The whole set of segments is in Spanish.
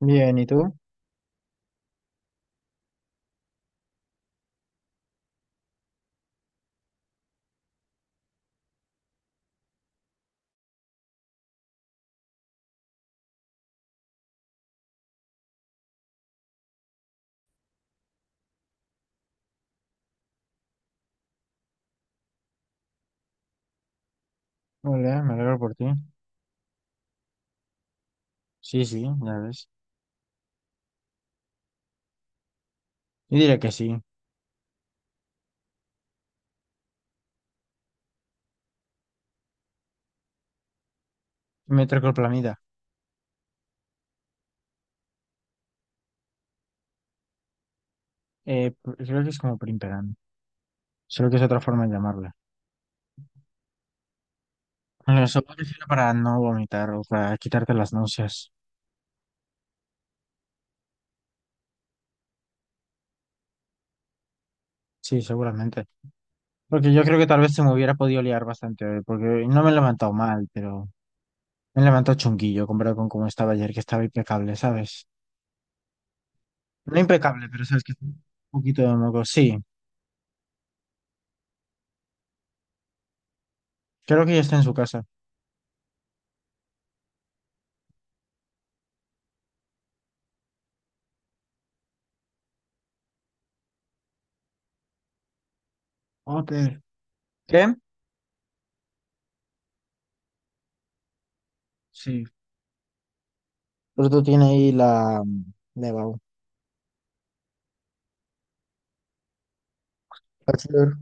Bien, ¿y tú? Hola, me alegro por ti. Sí, sí, ya ves. Yo diría que sí. Metroclopramida. Creo que es como primperan. Solo que es otra forma de llamarla. Bueno, eso me refiero para no vomitar o para quitarte las náuseas. Sí, seguramente. Porque yo creo que tal vez se me hubiera podido liar bastante hoy, porque no me he levantado mal, pero me he levantado chunguillo comparado con cómo estaba ayer, que estaba impecable, ¿sabes? No impecable, pero sabes que un poquito de moco. Sí, creo que ya está en su casa. Ok. ¿Qué? Sí. Pero tiene ahí la Nevado. Bachelor.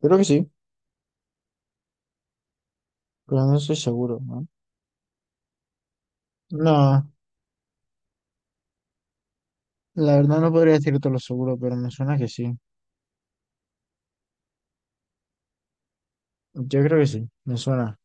Creo que sí, pero no estoy seguro, ¿no? No, la verdad no podría decirte lo seguro, pero me suena que sí. Yo creo que sí, me suena.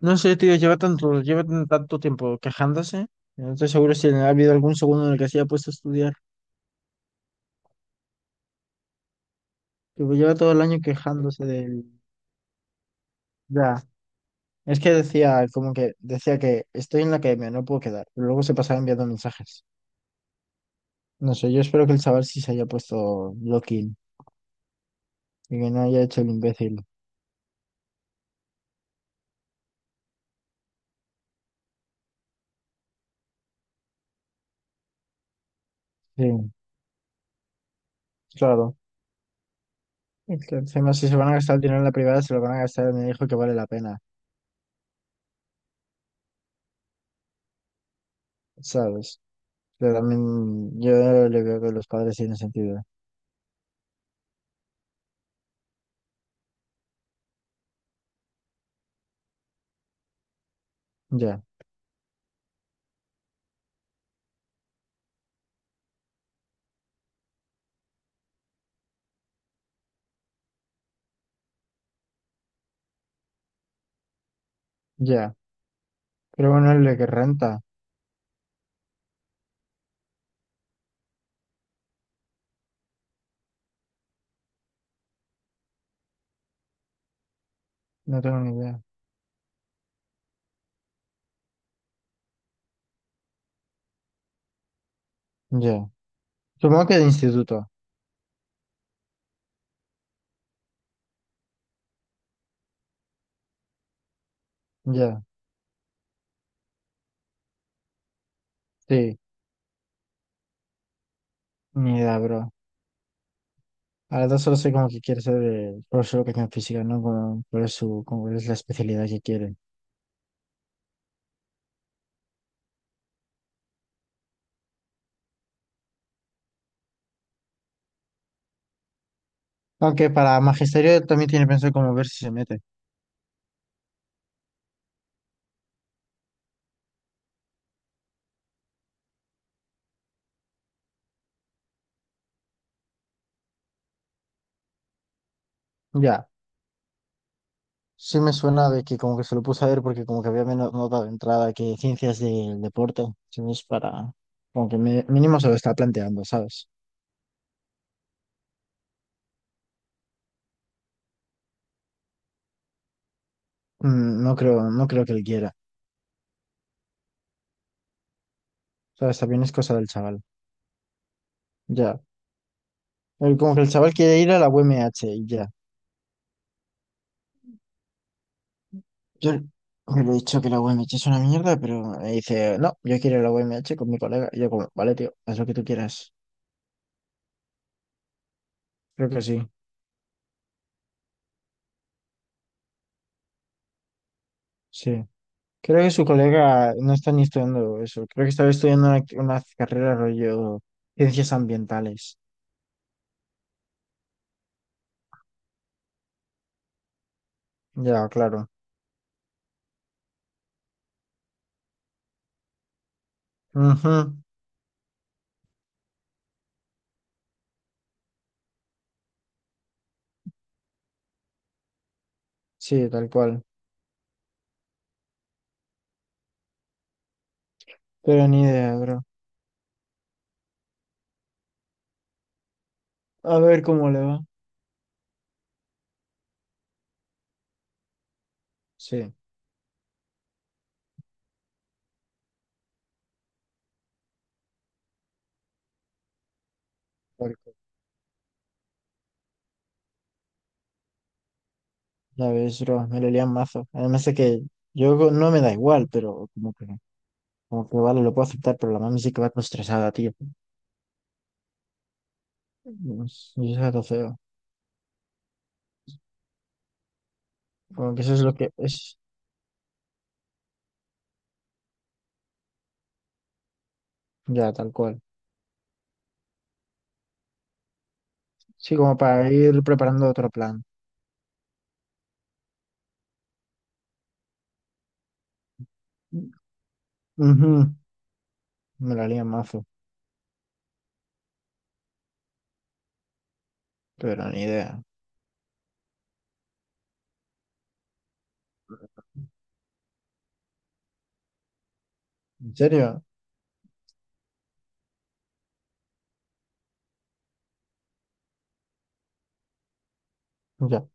No sé, tío, lleva tanto, tanto tiempo quejándose. No estoy seguro si ha habido algún segundo en el que se haya puesto a estudiar. Tipo, lleva todo el año quejándose del… Ya, es que decía, como que decía que estoy en la academia, no puedo quedar. Pero luego se pasaba enviando mensajes. No sé, yo espero que el chaval sí se haya puesto lock-in y que no haya hecho el imbécil. Sí, claro. Y que encima, si se van a gastar el dinero en la privada, se lo van a gastar en el hijo que vale la pena, ¿sabes? Pero también yo le veo que los padres tienen sentido. Ya, ya. Pero bueno, el de que renta, no tengo ni idea. Ya. Supongo que de instituto. Ya, sí. Ni idea, bro. A las dos solo sé como que quiere ser profesor de educación física, ¿no? Como, cuál es su, como cuál es la especialidad que quiere. Aunque para magisterio también tiene pensado como ver si se mete. Ya. Sí me suena de que como que se lo puse a ver porque como que había menos nota de entrada que ciencias del deporte. Entonces para, como que mínimo se lo está planteando, ¿sabes? No creo, no creo que él quiera. O ¿sabes? También es cosa del chaval. Ya. Él como que el chaval quiere ir a la UMH y ya. Yo le he dicho que la UMH es una mierda, pero me dice, no, yo quiero ir a la UMH con mi colega. Y yo como, vale, tío, haz lo que tú quieras. Creo que sí, sí. Creo que su colega no está ni estudiando eso. Creo que estaba estudiando una carrera rollo ciencias ambientales. Ya, claro. Ujú. Sí, tal cual. Pero ni idea, bro. A ver cómo le va. Sí, tal cual. Ya ves, bro. Me lo lían mazo. Además de que yo no me da igual, pero como que vale, lo puedo aceptar, pero la mami sí que va todo estresada, tío. Y es algo feo. Como que eso es lo que es. Ya, tal cual. Sí, como para ir preparando otro plan. Ujú. Me la haría mazo, pero ni idea. ¿En serio? Ya.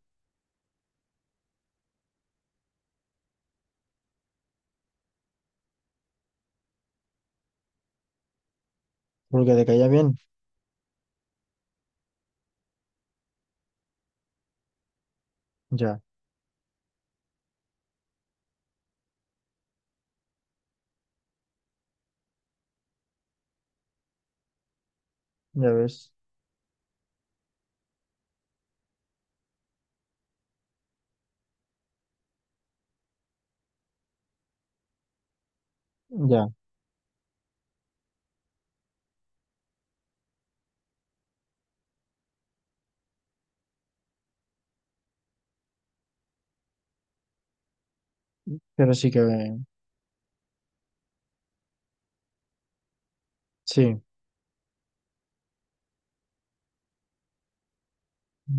Porque te caía bien. Ya, ya ves. Ya. Pero sí que. Sí,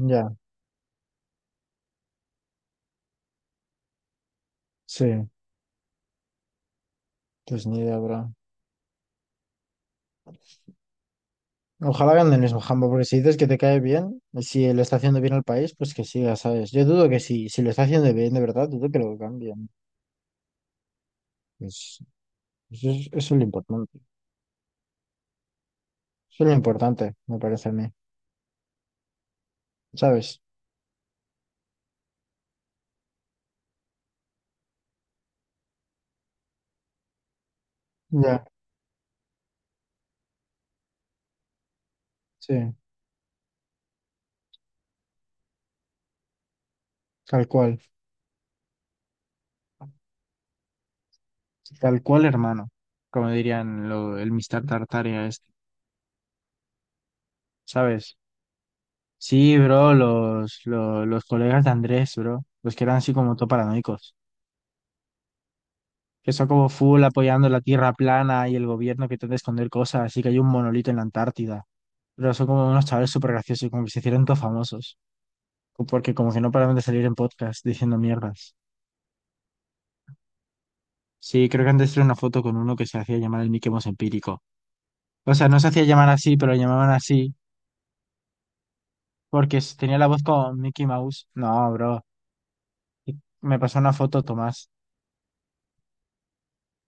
ya, sí. Pues ni idea, bro. Ojalá hagan el mismo jambo, porque si dices que te cae bien, y si le está haciendo bien al país, pues que siga, ¿sabes? Yo dudo que sí, si lo está haciendo bien de verdad, dudo que lo cambien. Pues, pues eso es lo importante. Eso es lo importante, me parece a mí. ¿Sabes? Ya, sí. Tal cual. Tal cual, hermano. Como dirían lo, el Mr. Tartaria este. ¿Sabes? Sí, bro, los colegas de Andrés, bro, los que eran así como todo paranoicos, que son como full apoyando la tierra plana y el gobierno que intenta esconder cosas, así que hay un monolito en la Antártida, pero son como unos chavales súper graciosos, como que se hicieron todos famosos, porque como que no paraban de salir en podcast diciendo mierdas. Sí, creo que antes era una foto con uno que se hacía llamar el Mickey Mouse empírico. O sea, no se hacía llamar así, pero lo llamaban así, porque tenía la voz como Mickey Mouse. No, bro, me pasó una foto Tomás,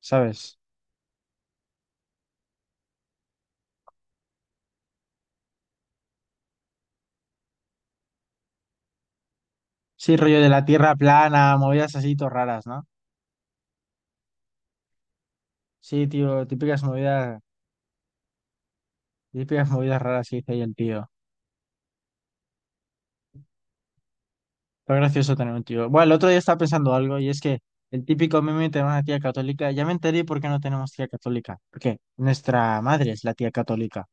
¿sabes? Sí, rollo de la tierra plana, movidas así, todo raras, ¿no? Sí, tío, típicas movidas raras que dice ahí el tío. Pero gracioso tener un tío. Bueno, el otro día estaba pensando algo y es que el típico meme de una tía católica, ya me enteré por qué no tenemos tía católica. Porque nuestra madre es la tía católica.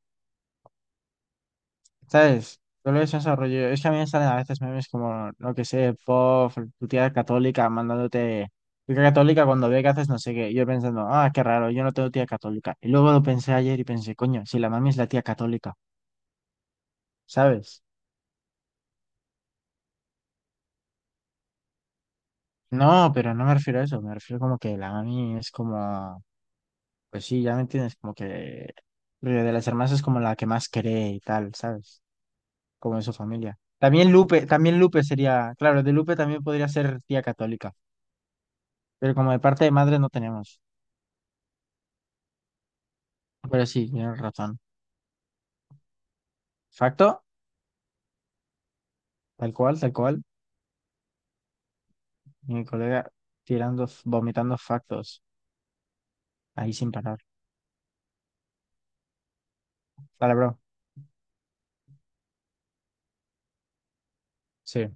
¿Sabes? Todo eso es rollo. Es que a mí me salen a veces memes como, no que sé, pof, tu tía católica mandándote. Tu tía católica cuando ve que haces no sé qué. Y yo pensando, ah, qué raro, yo no tengo tía católica. Y luego lo pensé ayer y pensé, coño, si la mami es la tía católica, ¿sabes? No, pero no me refiero a eso. Me refiero como que la mami es como, pues sí, ya me entiendes, como que. Rollo, de las hermanas es como la que más cree y tal, ¿sabes? Como de su familia. También Lupe sería, claro, de Lupe también podría ser tía católica. Pero como de parte de madre no tenemos. Pero sí, tienes razón. Facto, tal cual, tal cual. Mi colega tirando, vomitando factos. Ahí sin parar. Dale, bro. Sí.